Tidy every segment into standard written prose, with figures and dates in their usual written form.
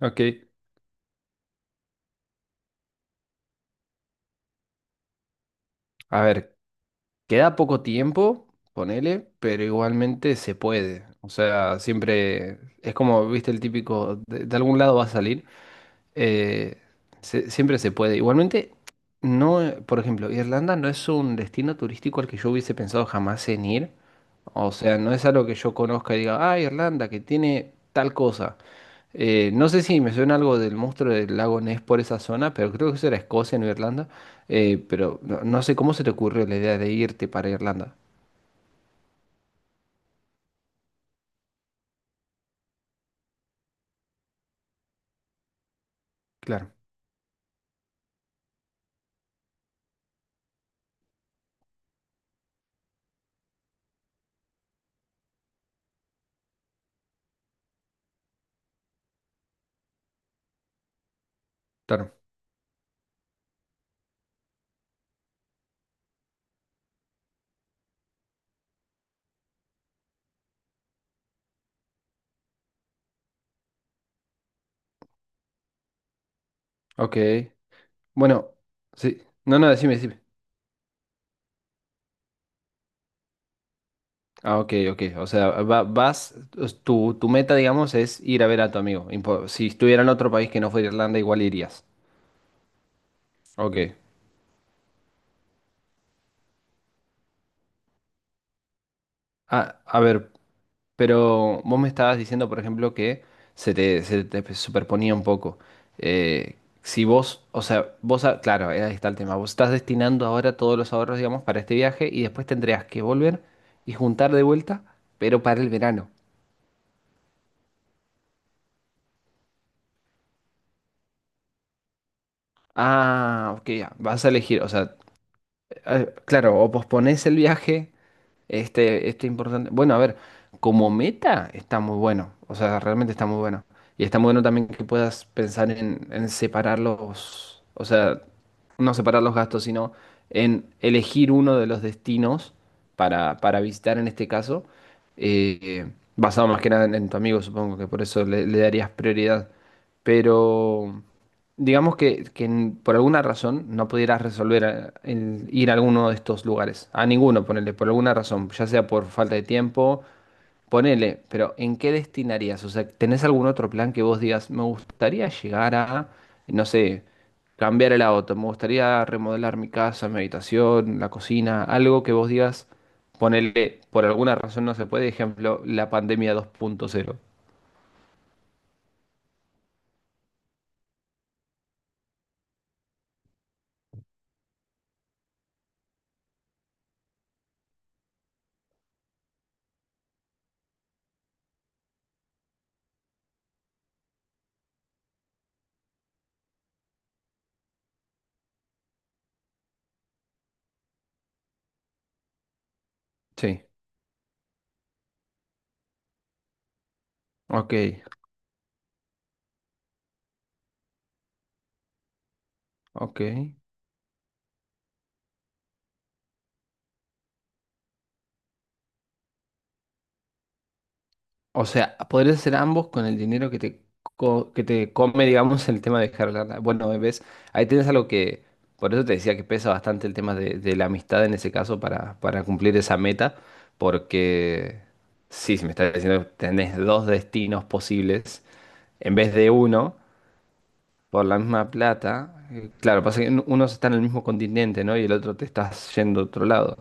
Ok, a ver, queda poco tiempo, ponele, pero igualmente se puede. O sea, siempre es como, viste, el típico, de algún lado va a salir. eh, Siempre se puede. Igualmente, no, por ejemplo, Irlanda no es un destino turístico al que yo hubiese pensado jamás en ir. O sea, no es algo que yo conozca y diga, ah, Irlanda, que tiene tal cosa. No sé si me suena algo del monstruo del lago Ness por esa zona, pero creo que eso era Escocia, no Irlanda. Pero no, no sé cómo se te ocurrió la idea de irte para Irlanda. Claro, claro. Ok. Bueno, sí. No, no, decime, decime. Ah, ok, ok. O sea, vas, es tu meta, digamos, es ir a ver a tu amigo. Si estuviera en otro país que no fuera Irlanda, igual irías. Ok. Ah, a ver, pero vos me estabas diciendo, por ejemplo, que se te superponía un poco. Eh, si vos, o sea, vos, claro, ahí está el tema. Vos estás destinando ahora todos los ahorros, digamos, para este viaje y después tendrías que volver y juntar de vuelta, pero para el verano. Ah, ok, ya, vas a elegir, o sea, claro, o posponés el viaje. Este importante. Bueno, a ver, como meta está muy bueno. O sea, realmente está muy bueno. Y está muy bueno también que puedas pensar en, separarlos. O sea, no separar los gastos, sino en elegir uno de los destinos para visitar en este caso, eh, basado más que nada en, en tu amigo, supongo que por eso le, le darías prioridad. Pero digamos que, por alguna razón no pudieras resolver el ir a alguno de estos lugares, a ninguno, ponerle por alguna razón, ya sea por falta de tiempo. Ponele, pero ¿en qué destinarías? O sea, ¿tenés algún otro plan que vos digas, me gustaría llegar a, no sé, cambiar el auto, me gustaría remodelar mi casa, mi habitación, la cocina, algo que vos digas, ponele, por alguna razón no se puede, ejemplo, la pandemia dos punto cero. Sí, ok, ok. O sea, podrías hacer ambos con el dinero que te, que te come, digamos, el tema de dejar lana. Bueno, ves, ahí tienes algo que, por eso te decía que pesa bastante el tema de la amistad en ese caso para cumplir esa meta, porque sí, si me estás diciendo que tenés dos destinos posibles en vez de uno, por la misma plata, claro, pasa que uno está en el mismo continente, ¿no? Y el otro te estás yendo a otro lado.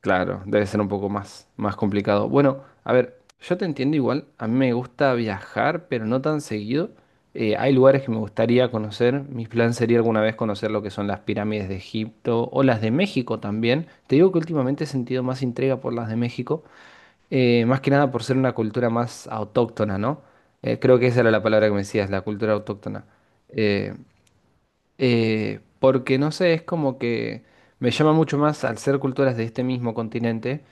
Claro, debe ser un poco más, más complicado. Bueno, a ver, yo te entiendo igual, a mí me gusta viajar, pero no tan seguido. Hay lugares que me gustaría conocer, mi plan sería alguna vez conocer lo que son las pirámides de Egipto o las de México también. Te digo que últimamente he sentido más intriga por las de México, más que nada por ser una cultura más autóctona, ¿no? Creo que esa era la palabra que me decías, la cultura autóctona. Eh, Porque no sé, es como que me llama mucho más al ser culturas de este mismo continente,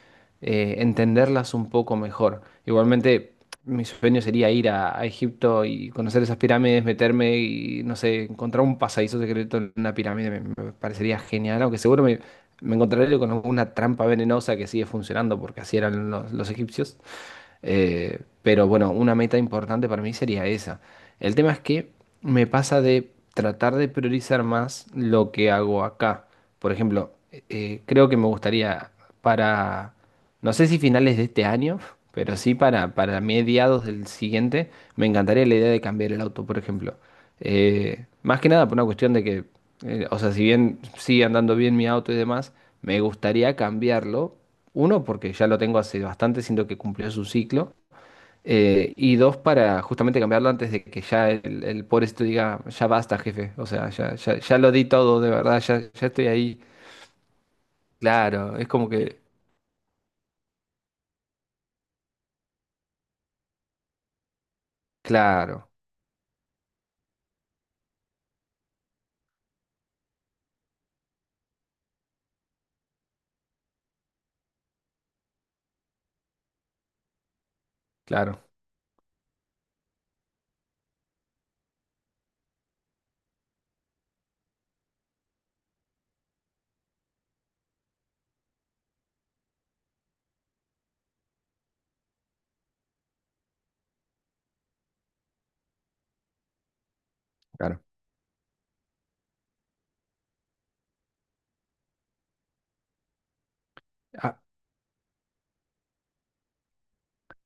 entenderlas un poco mejor. Igualmente, mi sueño sería ir a Egipto y conocer esas pirámides, meterme y, no sé, encontrar un pasadizo secreto en una pirámide, me parecería genial, aunque me encontraré con alguna trampa venenosa que sigue funcionando porque así eran los egipcios. Pero bueno, una meta importante para mí sería esa. El tema es que me pasa de tratar de priorizar más lo que hago acá. Por ejemplo, creo que me gustaría para, no sé si finales de este año, pero sí para mediados del siguiente, me encantaría la idea de cambiar el auto, por ejemplo. Más que nada por una cuestión de que, o sea, si bien sigue andando bien mi auto y demás, me gustaría cambiarlo. Uno, porque ya lo tengo hace bastante, siento que cumplió su ciclo. Y dos, para justamente cambiarlo antes de que ya el pobrecito diga, ya basta, jefe. O sea, ya, ya, ya lo di todo, de verdad, ya, ya estoy ahí. Claro, es como que, claro, claro, claro.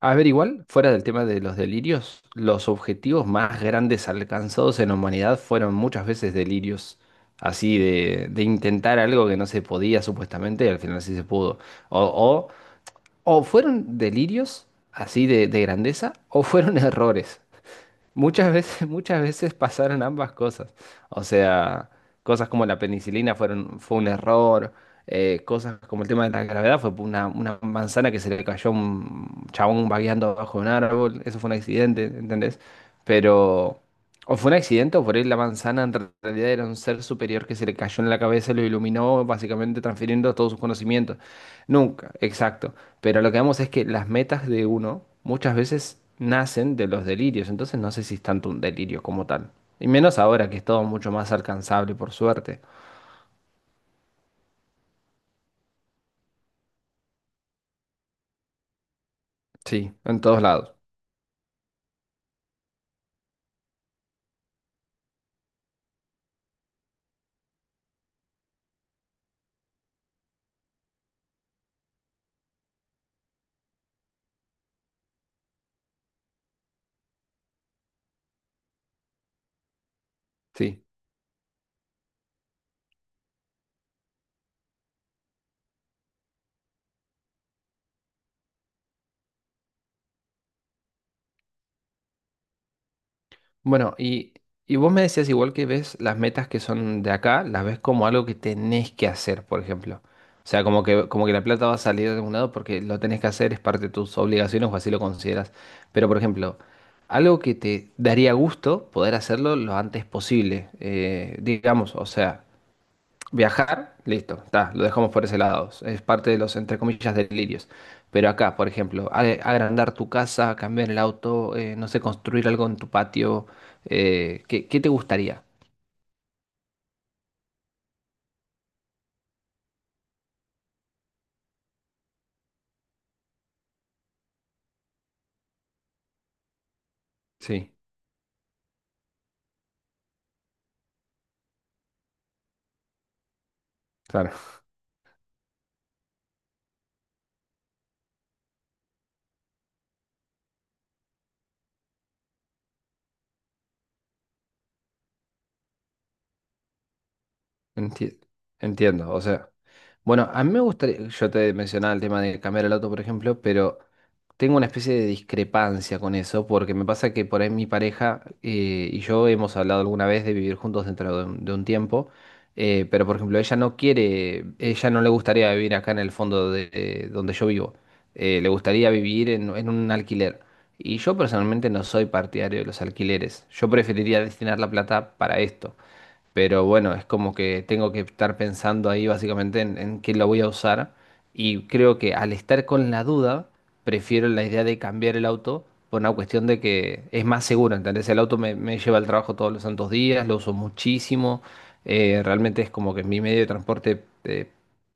A ver, igual, fuera del tema de los delirios, los objetivos más grandes alcanzados en la humanidad fueron muchas veces delirios, así de intentar algo que no se podía supuestamente y al final sí se pudo. O, o fueron delirios así de grandeza o fueron errores. Muchas veces, muchas veces pasaron ambas cosas. O sea, cosas como la penicilina fueron, fue un error, cosas como el tema de la gravedad fue una manzana que se le cayó a un chabón vagueando bajo un árbol, eso fue un accidente, ¿entendés? Pero, o fue un accidente o por ahí la manzana en realidad era un ser superior que se le cayó en la cabeza y lo iluminó, básicamente transfiriendo todos sus conocimientos. Nunca, exacto. Pero lo que vemos es que las metas de uno muchas veces nacen de los delirios, entonces no sé si es tanto un delirio como tal. Y menos ahora que es todo mucho más alcanzable, por suerte. Sí, en todos lados. Sí. Bueno, y vos me decías igual que ves las metas que son de acá, las ves como algo que tenés que hacer, por ejemplo. O sea, como que la plata va a salir de algún lado porque lo tenés que hacer, es parte de tus obligaciones o así lo consideras. Pero, por ejemplo, algo que te daría gusto poder hacerlo lo antes posible, digamos, o sea. Viajar, listo, está, lo dejamos por ese lado. Es parte de los, entre comillas, delirios. Pero acá, por ejemplo, agrandar tu casa, cambiar el auto, no sé, construir algo en tu patio, ¿qué, qué te gustaría? Sí. Claro. Enti- Entiendo, o sea, bueno, a mí me gustaría, yo te mencionaba el tema de cambiar el auto, por ejemplo, pero tengo una especie de discrepancia con eso, porque me pasa que por ahí mi pareja y yo hemos hablado alguna vez de vivir juntos dentro de un tiempo, pero por ejemplo, ella no quiere, ella no le gustaría vivir acá en el fondo de donde yo vivo, le gustaría vivir en un alquiler. Y yo personalmente no soy partidario de los alquileres, yo preferiría destinar la plata para esto. Pero bueno, es como que tengo que estar pensando ahí básicamente en qué lo voy a usar. Y creo que al estar con la duda, prefiero la idea de cambiar el auto por una cuestión de que es más seguro, ¿entendés? El auto me, me lleva al trabajo todos los santos días, lo uso muchísimo. Realmente es como que mi medio de transporte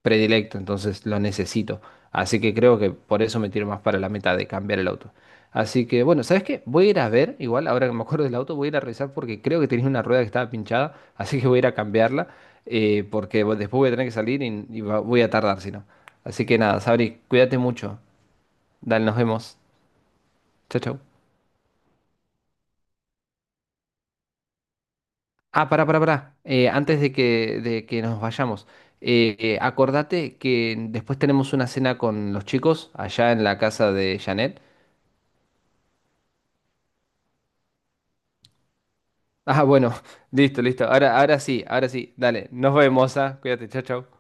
predilecto, entonces lo necesito. Así que creo que por eso me tiro más para la meta de cambiar el auto. Así que bueno, ¿sabes qué? Voy a ir a ver, igual ahora que me acuerdo del auto, voy a ir a revisar porque creo que tenía una rueda que estaba pinchada, así que voy a ir a cambiarla, porque bueno, después voy a tener que salir y, voy a tardar, si no. Así que nada, Sabri, cuídate mucho. Dale, nos vemos. Chau, chau. Ah, pará, pará, pará. Antes de que nos vayamos, acordate que después tenemos una cena con los chicos allá en la casa de Janet. Ah, bueno, listo, listo. Ahora, ahora sí, ahora sí. Dale, nos vemos, ah. Cuídate, chau, chau.